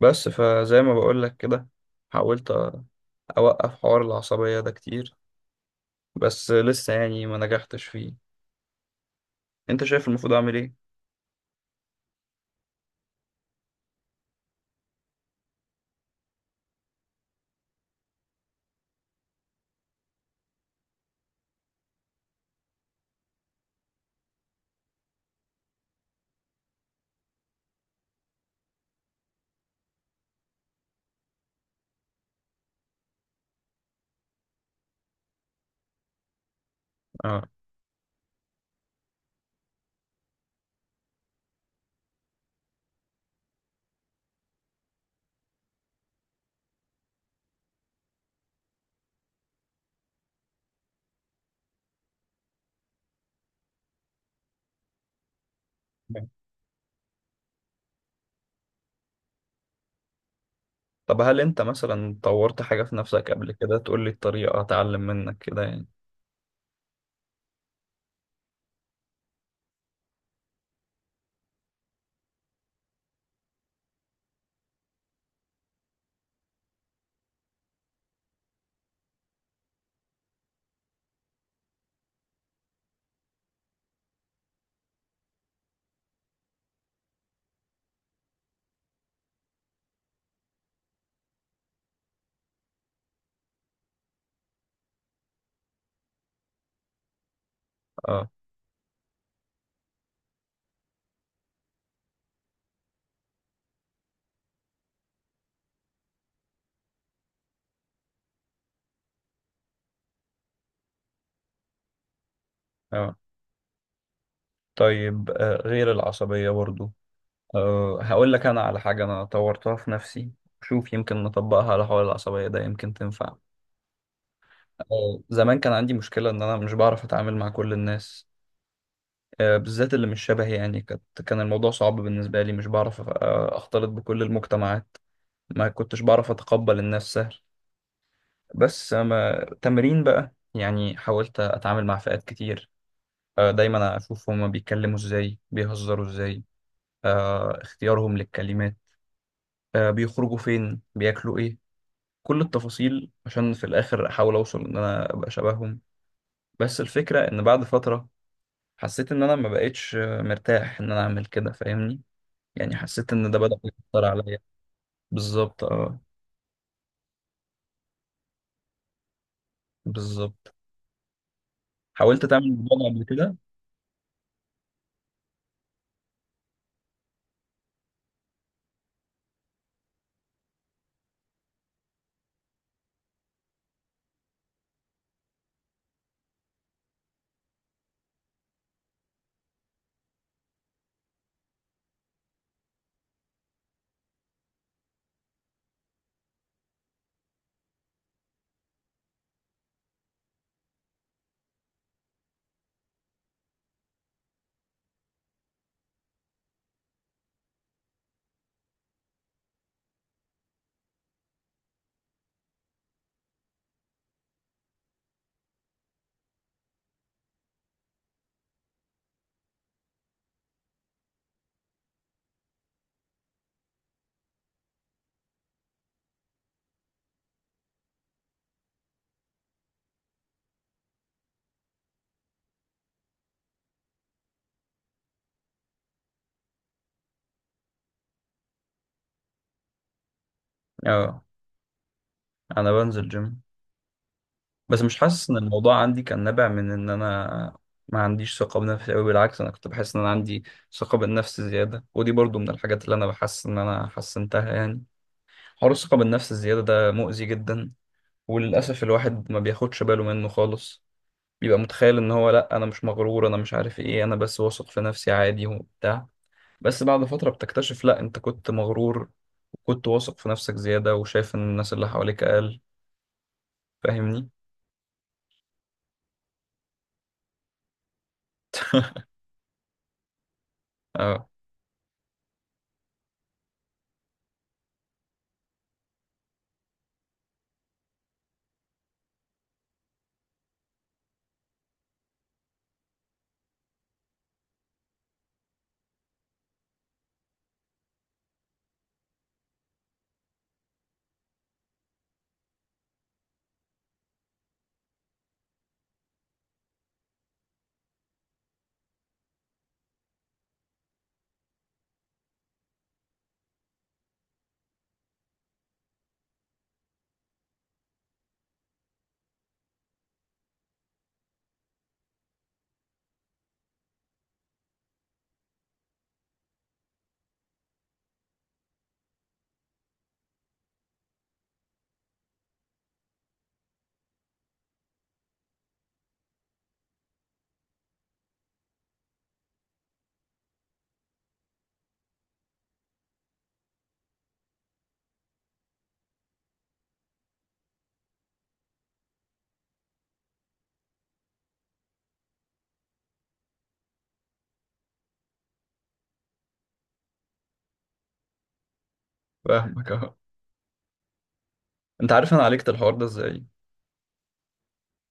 بس فزي ما بقولك كده، حاولت أوقف حوار العصبية ده كتير، بس لسه يعني ما نجحتش فيه. أنت شايف المفروض أعمل إيه؟ آه، تمام. طب هل أنت مثلا طورت حاجة في نفسك قبل كده تقول لي الطريقة أتعلم منك كده يعني؟ آه، آه، طيب. آه، غير العصبية برضو. آه، هقول لك أنا على حاجة أنا طورتها في نفسي. شوف، يمكن نطبقها على حوار العصبية ده، يمكن تنفع. آه، زمان كان عندي مشكلة إن أنا مش بعرف أتعامل مع كل الناس. بالذات اللي مش شبهي، يعني كان الموضوع صعب بالنسبة لي. مش بعرف أختلط بكل المجتمعات، ما كنتش بعرف أتقبل الناس سهل. بس أما تمرين بقى، يعني حاولت أتعامل مع فئات كتير. دايما أشوف هما بيتكلموا إزاي، بيهزروا إزاي، اختيارهم للكلمات، بيخرجوا فين، بياكلوا إيه، كل التفاصيل، عشان في الآخر أحاول أوصل إن أنا أبقى شبههم. بس الفكرة إن بعد فترة، حسيت إن أنا ما بقتش مرتاح إن أنا أعمل كده، فاهمني؟ يعني حسيت ان ده بدأ يأثر عليا. بالظبط، اه. بالظبط. حاولت تعمل الموضوع ده قبل كده؟ اه. انا بنزل جيم، بس مش حاسس ان الموضوع عندي كان نابع من ان انا ما عنديش ثقة بنفسي قوي. بالعكس، انا كنت بحس ان انا عندي ثقة بالنفس زيادة، ودي برضو من الحاجات اللي انا بحس ان انا حسنتها، يعني. حوار الثقة بالنفس الزيادة ده مؤذي جدا، وللأسف الواحد ما بياخدش باله منه خالص. بيبقى متخيل ان هو: لا، انا مش مغرور، انا مش عارف ايه، انا بس واثق في نفسي عادي وبتاع. بس بعد فترة بتكتشف: لا، انت كنت مغرور، وكنت واثق في نفسك زيادة، وشايف ان الناس اللي حواليك اقل. فاهمني؟ اه. فاهمك، اه. انت عارف انا عالجت الحوار ده ازاي؟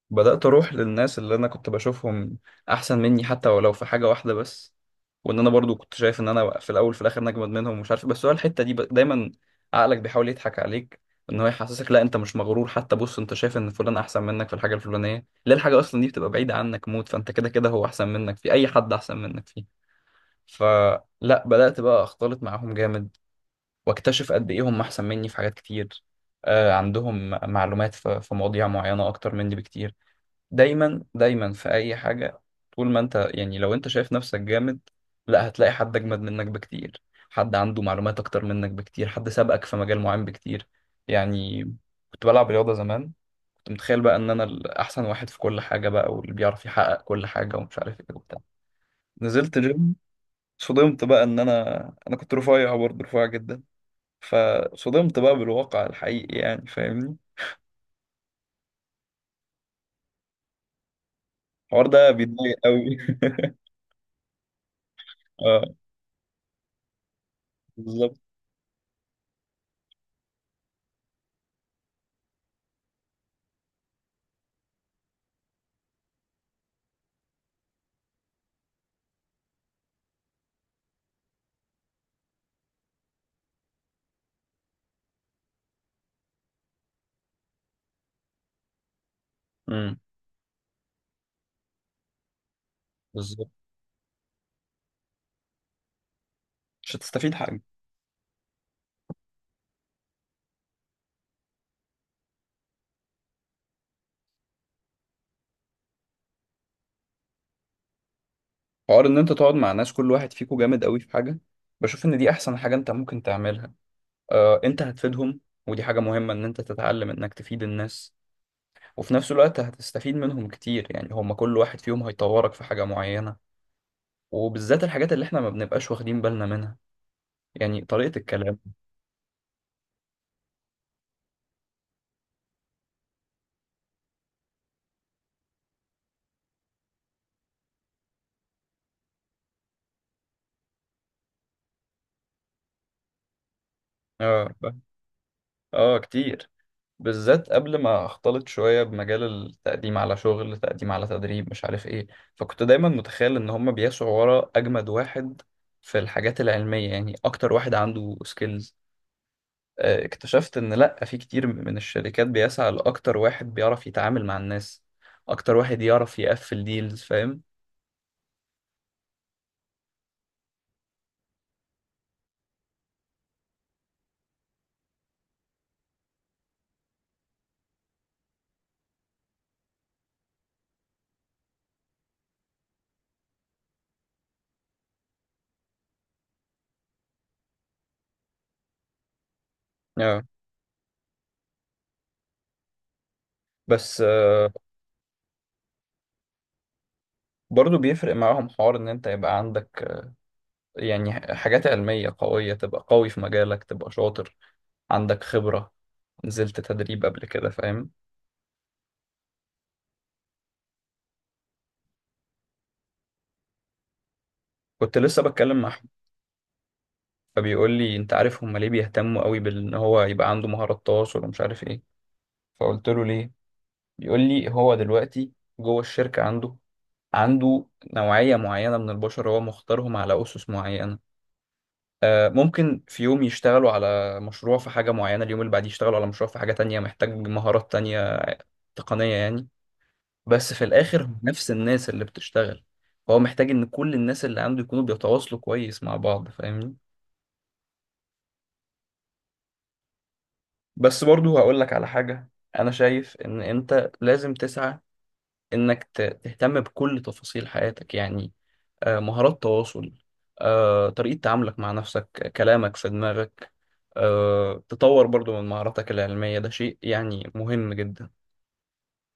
بدأت أروح للناس اللي أنا كنت بشوفهم أحسن مني، حتى ولو في حاجة واحدة بس. وإن أنا برضو كنت شايف إن أنا في الأول في الآخر نجمد منهم ومش عارف إيه. بس هو الحتة دي دايما عقلك بيحاول يضحك عليك، إن هو يحسسك: لا، أنت مش مغرور، حتى بص أنت شايف إن فلان أحسن منك في الحاجة الفلانية. ليه؟ الحاجة أصلا دي بتبقى بعيدة عنك موت، فأنت كده كده هو أحسن منك، في أي حد أحسن منك فيه. فلا، بدأت بقى أختلط معاهم جامد، وأكتشف قد إيه هم أحسن مني في حاجات كتير. عندهم معلومات في مواضيع معينة أكتر مني بكتير. دايما دايما في اي حاجه، طول ما انت، يعني لو انت شايف نفسك جامد، لا، هتلاقي حد اجمد منك بكتير، حد عنده معلومات اكتر منك بكتير، حد سبقك في مجال معين بكتير، يعني. كنت بلعب رياضه زمان، كنت متخيل بقى ان انا الاحسن واحد في كل حاجه بقى، واللي بيعرف يحقق كل حاجه ومش عارف ايه وبتاع. نزلت جيم، صدمت بقى ان انا كنت رفيع، برضه رفيع جدا. فصدمت بقى بالواقع الحقيقي، يعني فاهمني. الحوار ده بيضايق قوي. اه، بالظبط. امم. مش هتستفيد حاجة. حوار ان انت تقعد مع ناس كل واحد فيكو جامد قوي في حاجة، بشوف ان دي احسن حاجة انت ممكن تعملها. آه، انت هتفيدهم، ودي حاجة مهمة، ان انت تتعلم انك تفيد الناس، وفي نفس الوقت هتستفيد منهم كتير، يعني هما كل واحد فيهم هيطورك في حاجة معينة، وبالذات الحاجات اللي احنا ما بنبقاش واخدين بالنا منها، يعني طريقة الكلام. اه، اه، كتير. بالذات قبل ما اختلط شوية بمجال التقديم على شغل، تقديم على تدريب، مش عارف ايه. فكنت دايما متخيل ان هما بيسعوا ورا اجمد واحد في الحاجات العلمية، يعني اكتر واحد عنده سكيلز. اكتشفت ان لا، في كتير من الشركات بيسعى لاكتر واحد بيعرف يتعامل مع الناس، اكتر واحد يعرف يقفل ديلز. فاهم؟ اه. بس برضو بيفرق معاهم حوار ان انت يبقى عندك، يعني حاجات علمية قوية، تبقى قوي في مجالك، تبقى شاطر، عندك خبرة، نزلت تدريب قبل كده، فاهم؟ كنت لسه بتكلم مع أحمد، فبيقول لي: أنت عارف هما ليه بيهتموا قوي بإن هو يبقى عنده مهارات تواصل ومش عارف إيه؟ فقلت له: ليه؟ بيقول لي: هو دلوقتي جوه الشركة عنده نوعية معينة من البشر، هو مختارهم على أسس معينة. ممكن في يوم يشتغلوا على مشروع في حاجة معينة، اليوم اللي بعديه يشتغلوا على مشروع في حاجة تانية محتاج مهارات تانية تقنية، يعني. بس في الاخر هم نفس الناس اللي بتشتغل. هو محتاج ان كل الناس اللي عنده يكونوا بيتواصلوا كويس مع بعض، فاهمني؟ بس برضو هقول لك على حاجة. انا شايف ان انت لازم تسعى انك تهتم بكل تفاصيل حياتك، يعني مهارات تواصل، طريقة تعاملك مع نفسك، كلامك في دماغك، تطور برضو من مهاراتك العلمية، ده شيء يعني مهم جدا.